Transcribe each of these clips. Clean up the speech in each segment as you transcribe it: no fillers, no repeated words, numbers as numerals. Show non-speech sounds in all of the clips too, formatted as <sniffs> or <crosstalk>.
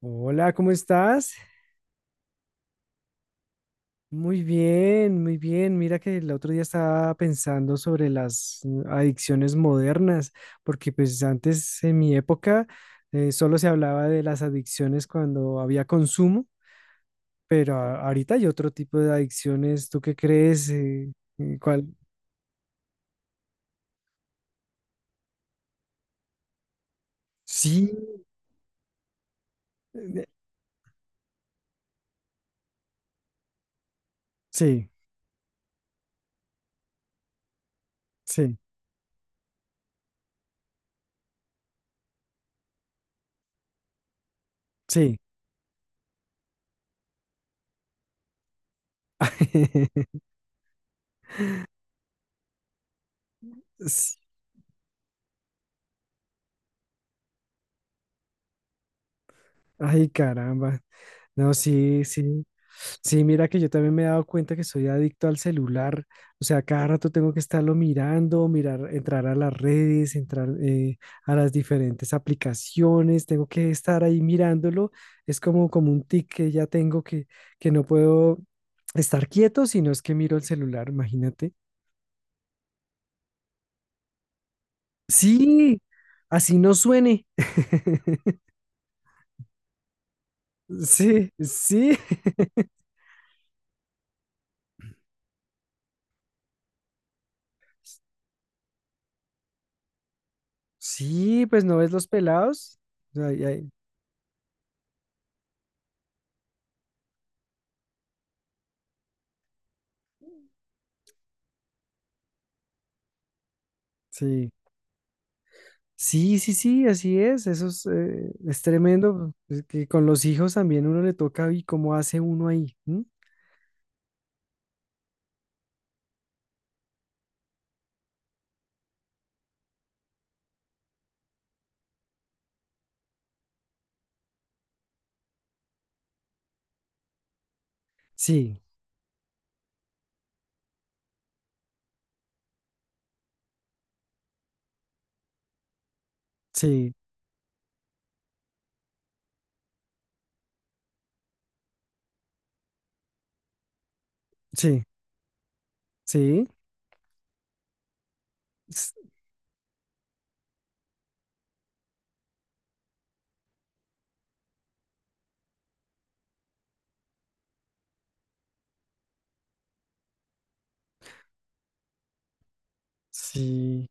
Hola, ¿cómo estás? Muy bien, muy bien. Mira que el otro día estaba pensando sobre las adicciones modernas, porque pues antes en mi época solo se hablaba de las adicciones cuando había consumo, pero ahorita hay otro tipo de adicciones. ¿Tú qué crees? ¿Cuál? Sí, eh, sí, sí, sí. <laughs> Ay, caramba. No, sí, sí. Sí, mira que yo también me he dado cuenta que soy adicto al celular. O sea, cada rato tengo que estarlo mirando, mirar, entrar a las redes, entrar a las diferentes aplicaciones. Tengo que estar ahí mirándolo. Es como un tic que ya tengo que no puedo estar quieto, sino es que miro el celular, imagínate. Sí, así no suene. <laughs> Sí, sí. <laughs> Sí, pues no ves los pelados. Ay, ay, sí. Sí, sí, sí, así es. Eso es tremendo. Pues, es que con los hijos también uno le toca y cómo hace uno ahí. ¿M? Sí, sí, sí, sí. s- Sí.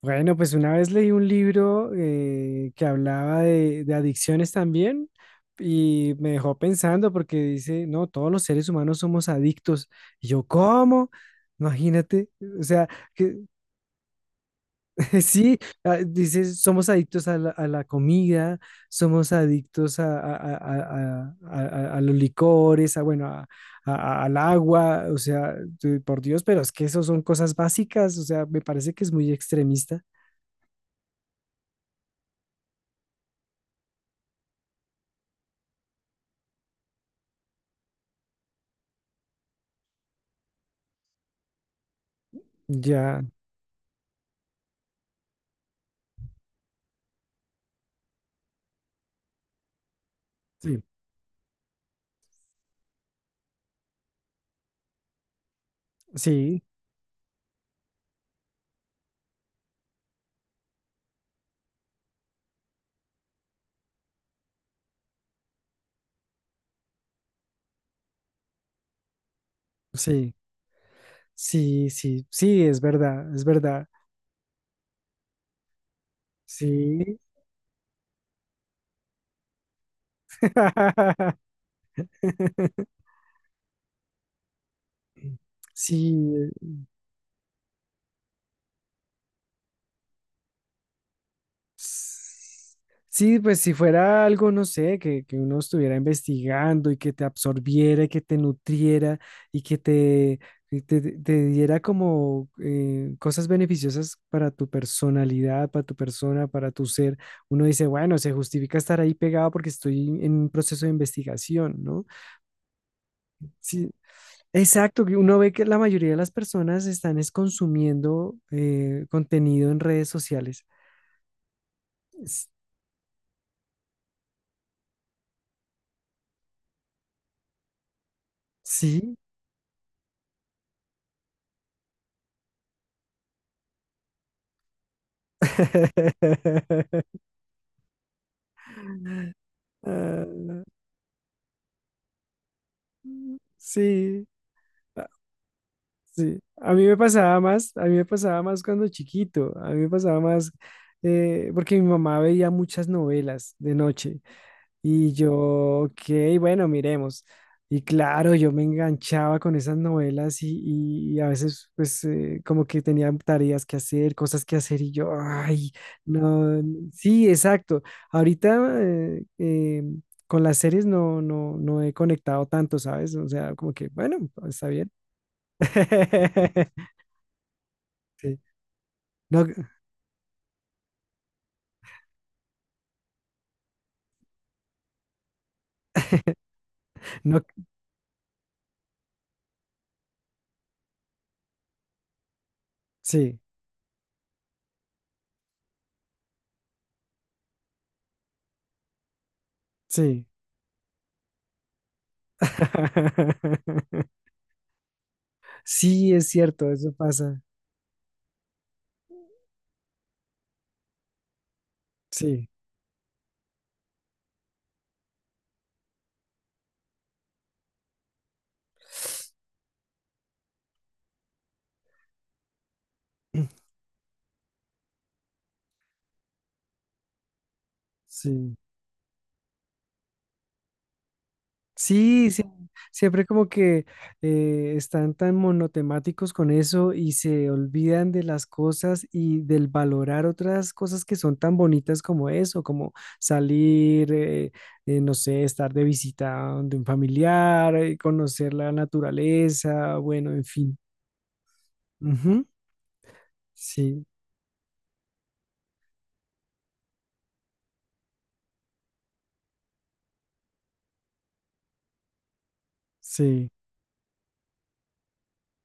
Bueno, pues una vez leí un libro que hablaba de adicciones también y me dejó pensando porque dice, no, todos los seres humanos somos adictos. Y yo, ¿cómo? Imagínate, o sea, que <laughs> sí, ah, dices, somos adictos a a la comida, somos adictos a los licores, a, bueno, a- al agua, o sea, por Dios, pero es que eso son cosas básicas, o sea, me parece que es muy extremista. Ya, sí, sí, sí, sí, sí, sí, es verdad, sí. <laughs> Sí, sí, pues si fuera algo, no sé, que uno estuviera investigando y que te absorbiera, y que te nutriera y que y te diera como cosas beneficiosas para tu personalidad, para tu persona, para tu ser, uno dice, bueno, se justifica estar ahí pegado porque estoy en un proceso de investigación, ¿no? Sí, exacto, que uno ve que la mayoría de las personas están es consumiendo contenido en redes sociales. S- Sí. <laughs> Ah, sí, ah, sí. A mí me pasaba más, a mí me pasaba más cuando chiquito, a mí me pasaba más porque mi mamá veía muchas novelas de noche. Y yo, ok, bueno, miremos. Y claro, yo me enganchaba con esas novelas y a veces pues como que tenía tareas que hacer, cosas que hacer y yo, ay, no, sí, exacto. Ahorita con las series no he conectado tanto, ¿sabes? O sea, como que, bueno, está bien. <laughs> Sí. No, no, sí, sí. <laughs> Sí, es cierto, eso pasa. Sí. <sniffs> Sí, sí, sí, siempre como que están tan monotemáticos con eso y se olvidan de las cosas y del valorar otras cosas que son tan bonitas como eso, como salir, no sé, estar de visita de un familiar, conocer la naturaleza, bueno, en fin. Ujú, sí, sí.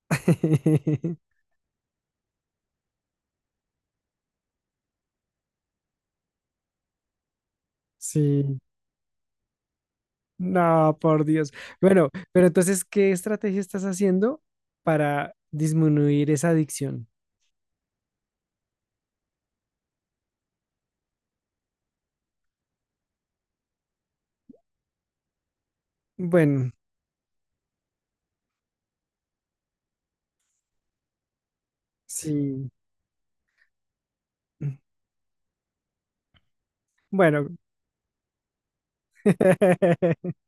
<laughs> Sí. No, por Dios. Bueno, pero entonces, ¿qué estrategia estás haciendo para disminuir esa adicción? Bueno, sí. Bueno, <laughs>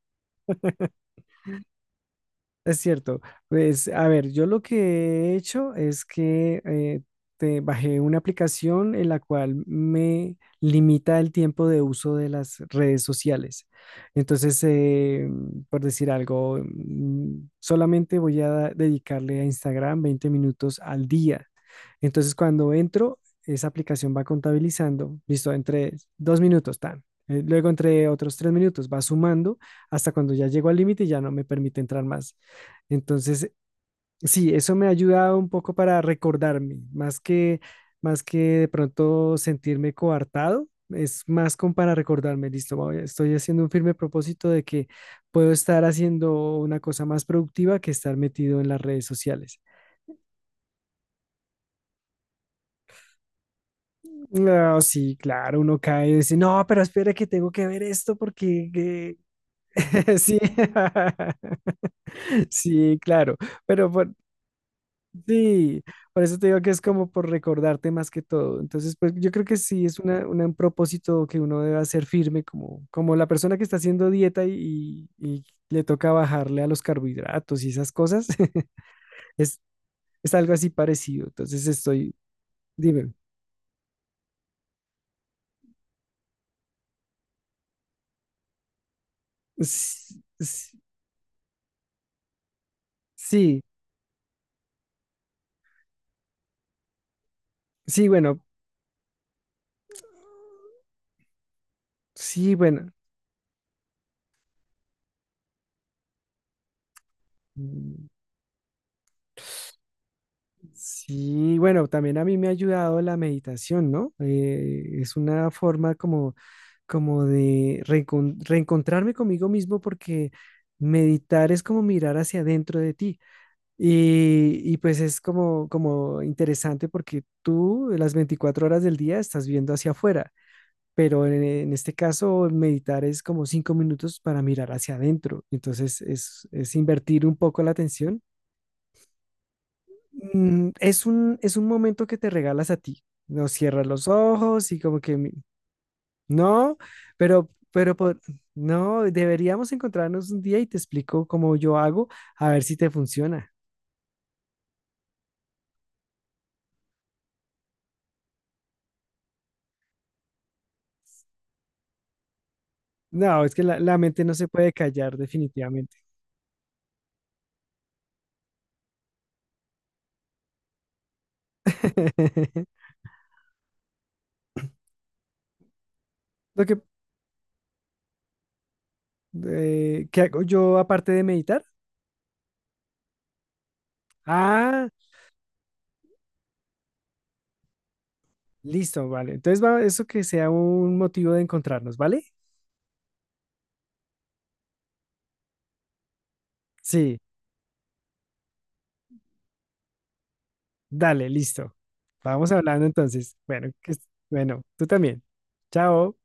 es cierto. Pues, a ver, yo lo que he hecho es que te bajé una aplicación en la cual me limita el tiempo de uso de las redes sociales. Entonces, por decir algo, solamente voy a dedicarle a Instagram 20 minutos al día. Entonces, cuando entro, esa aplicación va contabilizando, listo, entre 2 minutos, tan. Luego entre otros 3 minutos va sumando hasta cuando ya llego al límite y ya no me permite entrar más. Entonces, sí, eso me ha ayudado un poco para recordarme, más más que de pronto sentirme coartado, es más como para recordarme, listo, estoy haciendo un firme propósito de que puedo estar haciendo una cosa más productiva que estar metido en las redes sociales. No, sí, claro, uno cae y dice, no, pero espera que tengo que ver esto porque que-". <laughs> Sí, <laughs> sí, claro, pero por, sí, por eso te digo que es como por recordarte más que todo. Entonces, pues yo creo que sí es un propósito que uno debe hacer firme, como la persona que está haciendo dieta y le toca bajarle a los carbohidratos y esas cosas, <laughs> es, es algo así parecido. Entonces, estoy, dime, s- s- sí, sí, bueno. Sí, bueno, mm, sí, bueno, también a mí me ha ayudado la meditación, ¿no? Es una forma como, como de reencontrarme conmigo mismo porque meditar es como mirar hacia adentro de ti. Y pues es como, como interesante porque tú las 24 horas del día estás viendo hacia afuera, pero en este caso meditar es como 5 minutos para mirar hacia adentro. Entonces es invertir un poco la atención. Mm, es es un momento que te regalas a ti. No cierras los ojos y como que no, pero, pero po- no, deberíamos encontrarnos un día y te explico cómo yo hago, a ver si te funciona. No, es que la mente no se puede callar definitivamente. <laughs> Lo que, ¿qué hago yo aparte de meditar? Ah, listo, vale. Entonces va eso que sea un motivo de encontrarnos, ¿vale? Sí. Dale, listo. Vamos hablando entonces. Bueno, que, bueno, tú también. Chao.